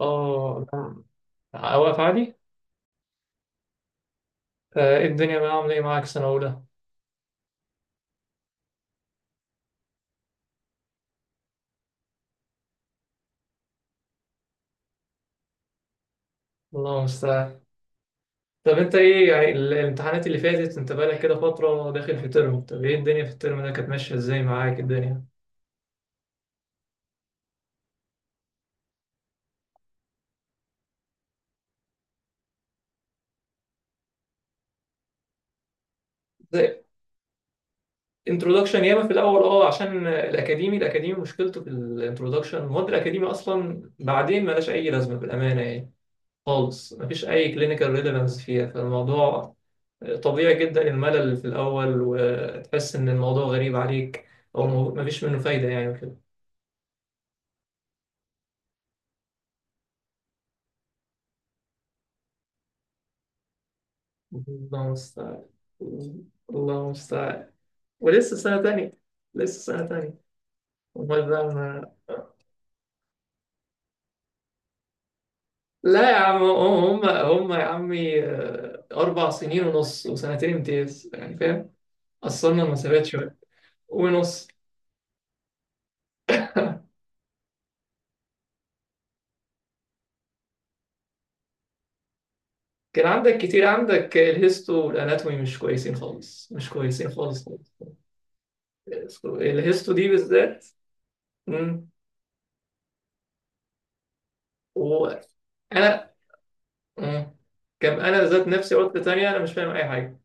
اه. لا، واقف عادي. ايه الدنيا بقى عامله ايه معاك سنه اولى؟ الله المستعان. طب انت ايه يعني الامتحانات اللي فاتت انت بقالك كده فتره داخل في ترم، طب ايه الدنيا في الترم ده كانت ماشيه ازاي معاك الدنيا؟ زي انترودكشن ياما في الاول، عشان الاكاديمي مشكلته في الانترودكشن، المواد الاكاديمي اصلا بعدين ملاش اي لازمه بالامانه يعني، خالص مفيش أي كلينيكال ريليفانس فيها فالموضوع. طبيعي جدا الملل في الأول وتحس إن الموضوع غريب عليك، أو مفيش منه فايدة يعني وكده. الله المستعان. الله المستعان. ولسه سنة تانية. لسه سنة تانية. أمال بقى ما. لا يا عم، هم يا عمي، أربع سنين ونص وسنتين امتياز يعني فاهم؟ قصرنا المسافات شوية. ونص. كان عندك كتير، عندك الهيستو والاناتومي مش كويسين خالص، مش كويسين خالص خالص. الهيستو دي بالذات. مم. وانا. مم. كم انا ذات نفسي عقده تانية، انا مش فاهم اي حاجه.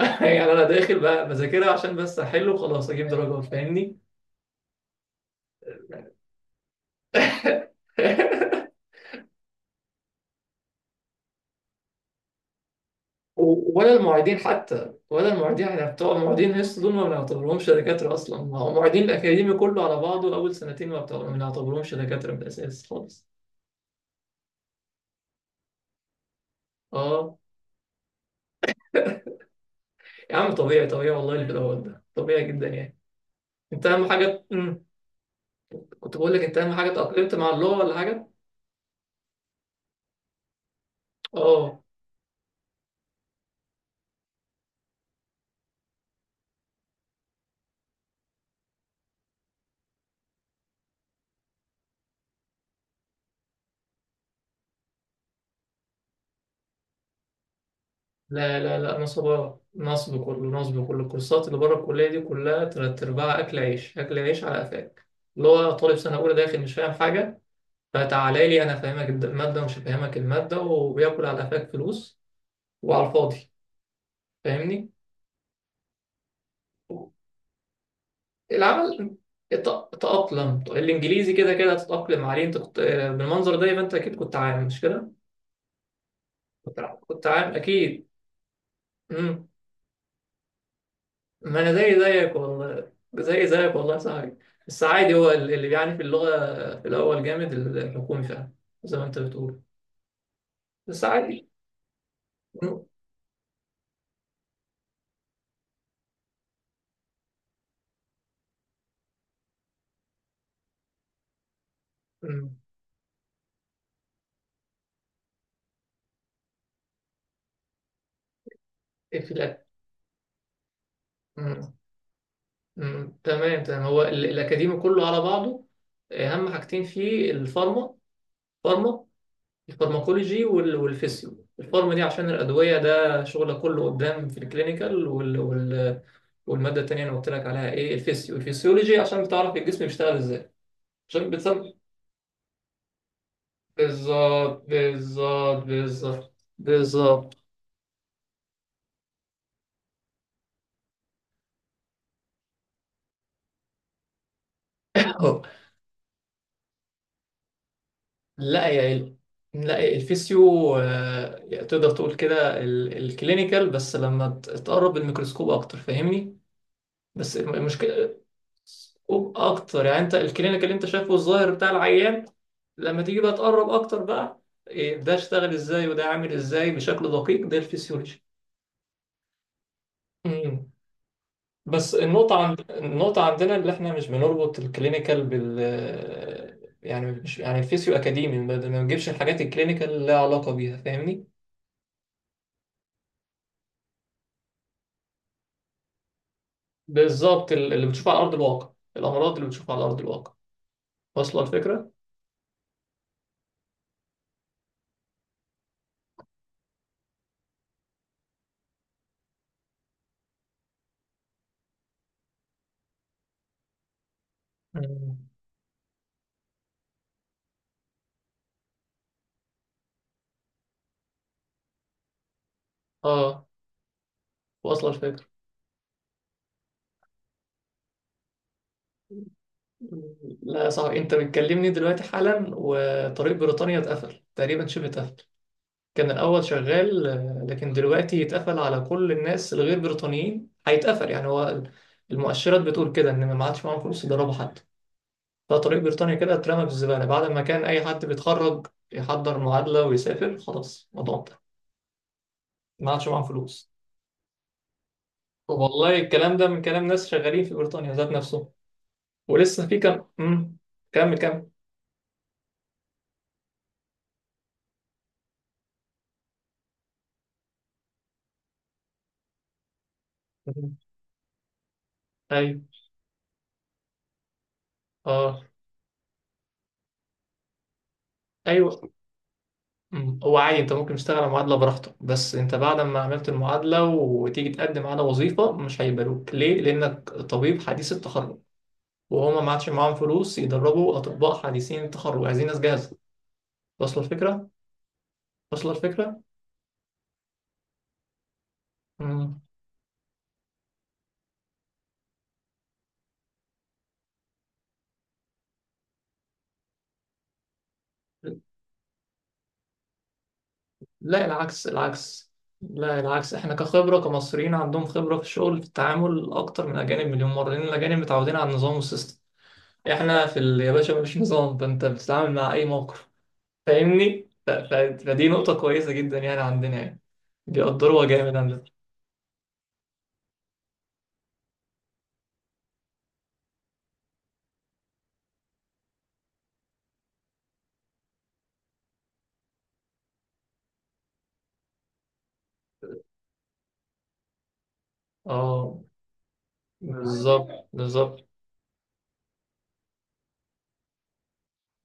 يعني انا داخل بقى بذاكرها عشان بس احل وخلاص اجيب درجات فاهمني. ولا المعيدين حتى، ولا المعيدين. احنا بتوع المعيدين هيستو دول ما بنعتبرهمش دكاتره اصلا، ما هو المعيدين الاكاديمي كله على بعضه اول سنتين، ما بنعتبرهمش دكاتره من الاساس خالص. اه. يا عم طبيعي، طبيعي والله، اللي دوت ده طبيعي جدا يعني. انت اهم حاجه. مم. كنت بقول لك، انت اهم حاجه اتاقلمت مع اللغه ولا حاجه؟ اه. لا لا لا، نصب، نصب كله، نصب كله الكورسات اللي بره الكليه دي، كلها تلات ارباع اكل عيش، اكل عيش على قفاك. اللي هو طالب سنه اولى داخل مش فاهم حاجه، فتعالى لي انا فاهمك الماده ومش فاهمك الماده وبياكل على قفاك فلوس، وعلى الفاضي، فاهمني. العمل. تأقلم الإنجليزي، كده كده هتتأقلم عليه، أنت كنت بالمنظر ده يبقى أنت أكيد كنت عامل، مش كده؟ كنت عارف اكيد. امم. ما انا زي زيك والله، زي زيك والله يا صاحبي. بس عادي، هو اللي بيعاني في اللغه في الاول جامد، الحكومي فعلا زي ما انت بتقول، بس عادي. مم. مم. إيه في مم. مم. تمام تمام، هو الاكاديمي كله على بعضه اهم حاجتين فيه الفارما. فارما، الفارماكولوجي والفيسيو. الفارم دي عشان الأدوية، ده شغل كله قدام في الكلينيكال والمادة التانية أنا قلت لك عليها إيه؟ الفيسيو، الفيسيولوجي عشان بتعرف الجسم بيشتغل إزاي، عشان بتسمي. بالظبط بالظبط بالظبط بالظبط. أهو. لا يا ال... لا يا الفيسيو، تقدر تقول كده الكلينيكال، بس لما تقرب الميكروسكوب أكتر فاهمني. بس المشكلة. وأكتر يعني، أنت الكلينيك اللي أنت شايفه الظاهر بتاع العيان، لما تيجي بقى تقرب أكتر بقى إيه، ده اشتغل إزاي وده عامل إزاي بشكل دقيق، ده الفسيولوجي. مم. بس النقطة عند، النقطة عندنا اللي احنا مش بنربط الكلينيكال بال، يعني مش، يعني الفيسيو أكاديمي ما بنجيبش الحاجات الكلينيكال اللي لها علاقة بيها، فاهمني؟ بالظبط، اللي بتشوفه على أرض الواقع، الأمراض اللي بتشوفها على أرض الواقع. واصلة الفكرة؟ مم. اه. واصلة الفكرة. لا يا صاحبي، انت بتكلمني دلوقتي حالا وطريق بريطانيا اتقفل تقريبا، شبه اتقفل. كان الاول شغال، لكن دلوقتي اتقفل على كل الناس الغير بريطانيين، هيتقفل يعني. هو المؤشرات بتقول كده ان ما عادش معاهم فلوس يضربوا حد، فطريق بريطانيا كده اترمى في الزباله، بعد ما كان اي حد بيتخرج يحضر معادله ويسافر، خلاص الموضوع انتهى، ما عادش معاهم فلوس. والله الكلام ده من كلام ناس شغالين في بريطانيا ذات نفسهم، ولسه في كم. مم. كمل كمل. مم. ايوه. اه. ايوه. مم. هو عادي، انت ممكن تشتغل على معادلة براحتك، بس انت بعد ما عملت المعادلة وتيجي تقدم على وظيفة مش هيقبلوك، ليه؟ لأنك طبيب حديث التخرج، وهما ما عادش معاهم فلوس يدربوا أطباء حديثين التخرج، عايزين ناس جاهزة. واصلة الفكرة؟ واصلة الفكرة؟ مم. لا، العكس العكس. لا، العكس. احنا كخبرة كمصريين عندهم خبرة في الشغل في التعامل أكتر من الأجانب مليون مرة، لأن الأجانب متعودين على النظام والسيستم، احنا في يا باشا مفيش نظام، فانت بتتعامل مع أي موقف فاهمني. فدي نقطة كويسة جدا يعني، عندنا يعني بيقدروها جامد عندنا. اه، بالظبط بالظبط.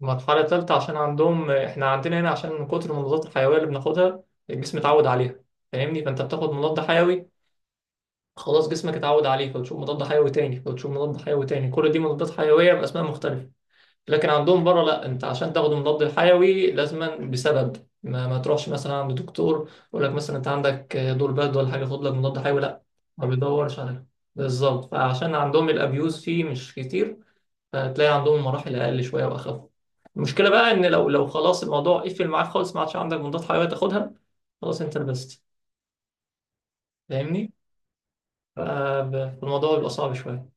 المرحلة التالتة، عشان عندهم، احنا عندنا هنا عشان من كتر المضادات الحيوية اللي بناخدها الجسم اتعود عليها فاهمني، فانت بتاخد مضاد حيوي خلاص جسمك اتعود عليه، فتشوف مضاد حيوي تاني، فتشوف مضاد حيوي تاني، كل دي مضادات حيوية بأسماء مختلفة. لكن عندهم بره لا، انت عشان تاخد مضاد الحيوي لازما بسبب، ما تروحش مثلا عند دكتور يقول لك مثلا انت عندك دور برد ولا حاجه خد لك مضاد حيوي، لا، ما بيدورش عليها. بالظبط، فعشان عندهم الابيوز فيه مش كتير، فتلاقي عندهم مراحل اقل شويه واخف. المشكله بقى ان لو، لو خلاص الموضوع قفل معاك خالص ما عادش عندك مضاد حيوي تاخدها، خلاص انت لبست فاهمني، فالموضوع بيبقى صعب شويه.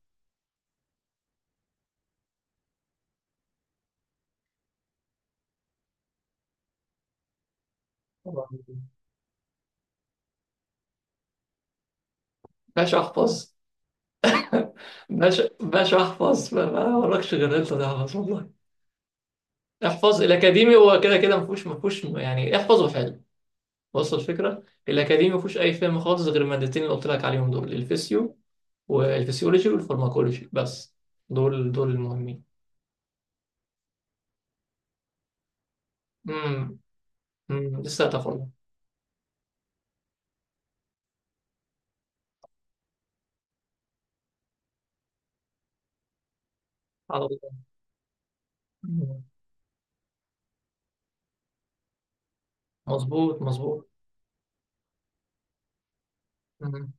طبعاً. باشا احفظ. باشا، باشا احفظ، ما وراكش غير انت تحفظ والله. احفظ، الاكاديمي هو كده كده، ما فيهوش، ما فيهوش يعني، احفظه حلو. وصل الفكره، الاكاديمي ما فيهوش اي فهم خالص غير المادتين اللي قلت لك عليهم دول، الفيسيو والفسيولوجي والفارماكولوجي بس، دول دول المهمين. امم، امم، لسه هتاخدها. على الله. مم. مظبوط مظبوط. امم.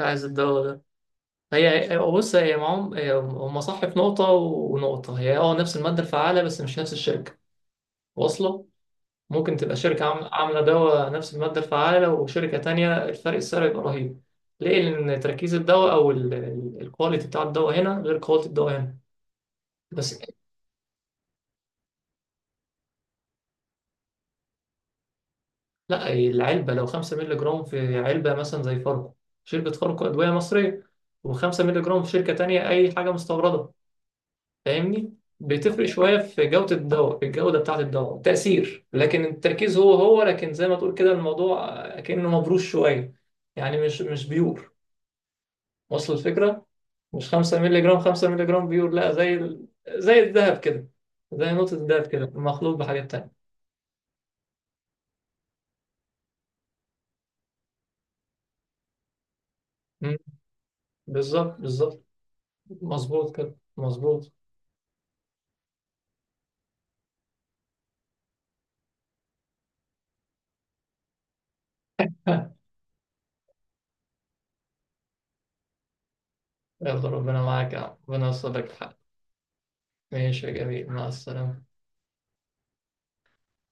عايز الدواء ده. بص، هي معاهم، هم صح في نقطه، ونقطه هي اه نفس الماده الفعاله بس مش نفس الشركه. واصله. ممكن تبقى شركة عاملة دواء نفس المادة الفعالة وشركة تانية، الفرق السعر يبقى رهيب. ليه؟ لأن تركيز الدواء أو الكواليتي بتاع الدواء هنا غير كواليتي الدواء هنا بس. لا، العلبة لو 5 مللي جرام في علبة مثلا زي فاركو، شركة فاركو أدوية مصرية، و5 مللي جرام في شركة تانية أي حاجة مستوردة، فاهمني؟ بتفرق شوية في جودة الدواء، في الجودة بتاعة الدواء تأثير، لكن التركيز هو هو، لكن زي ما تقول كده الموضوع كأنه مبروش شوية، يعني مش، مش بيور. وصل الفكرة، مش 5 مللي جرام، 5 مللي جرام بيور لا، زي زي الذهب كده، زي نقطة الذهب كده مخلوط بحاجات تانية. مم. بالظبط بالظبط. مظبوط كده مظبوط. ها. يلا ربنا معاك يا عم، ربنا يوصل لك الحق. ماشي يا جميل، مع السلامة.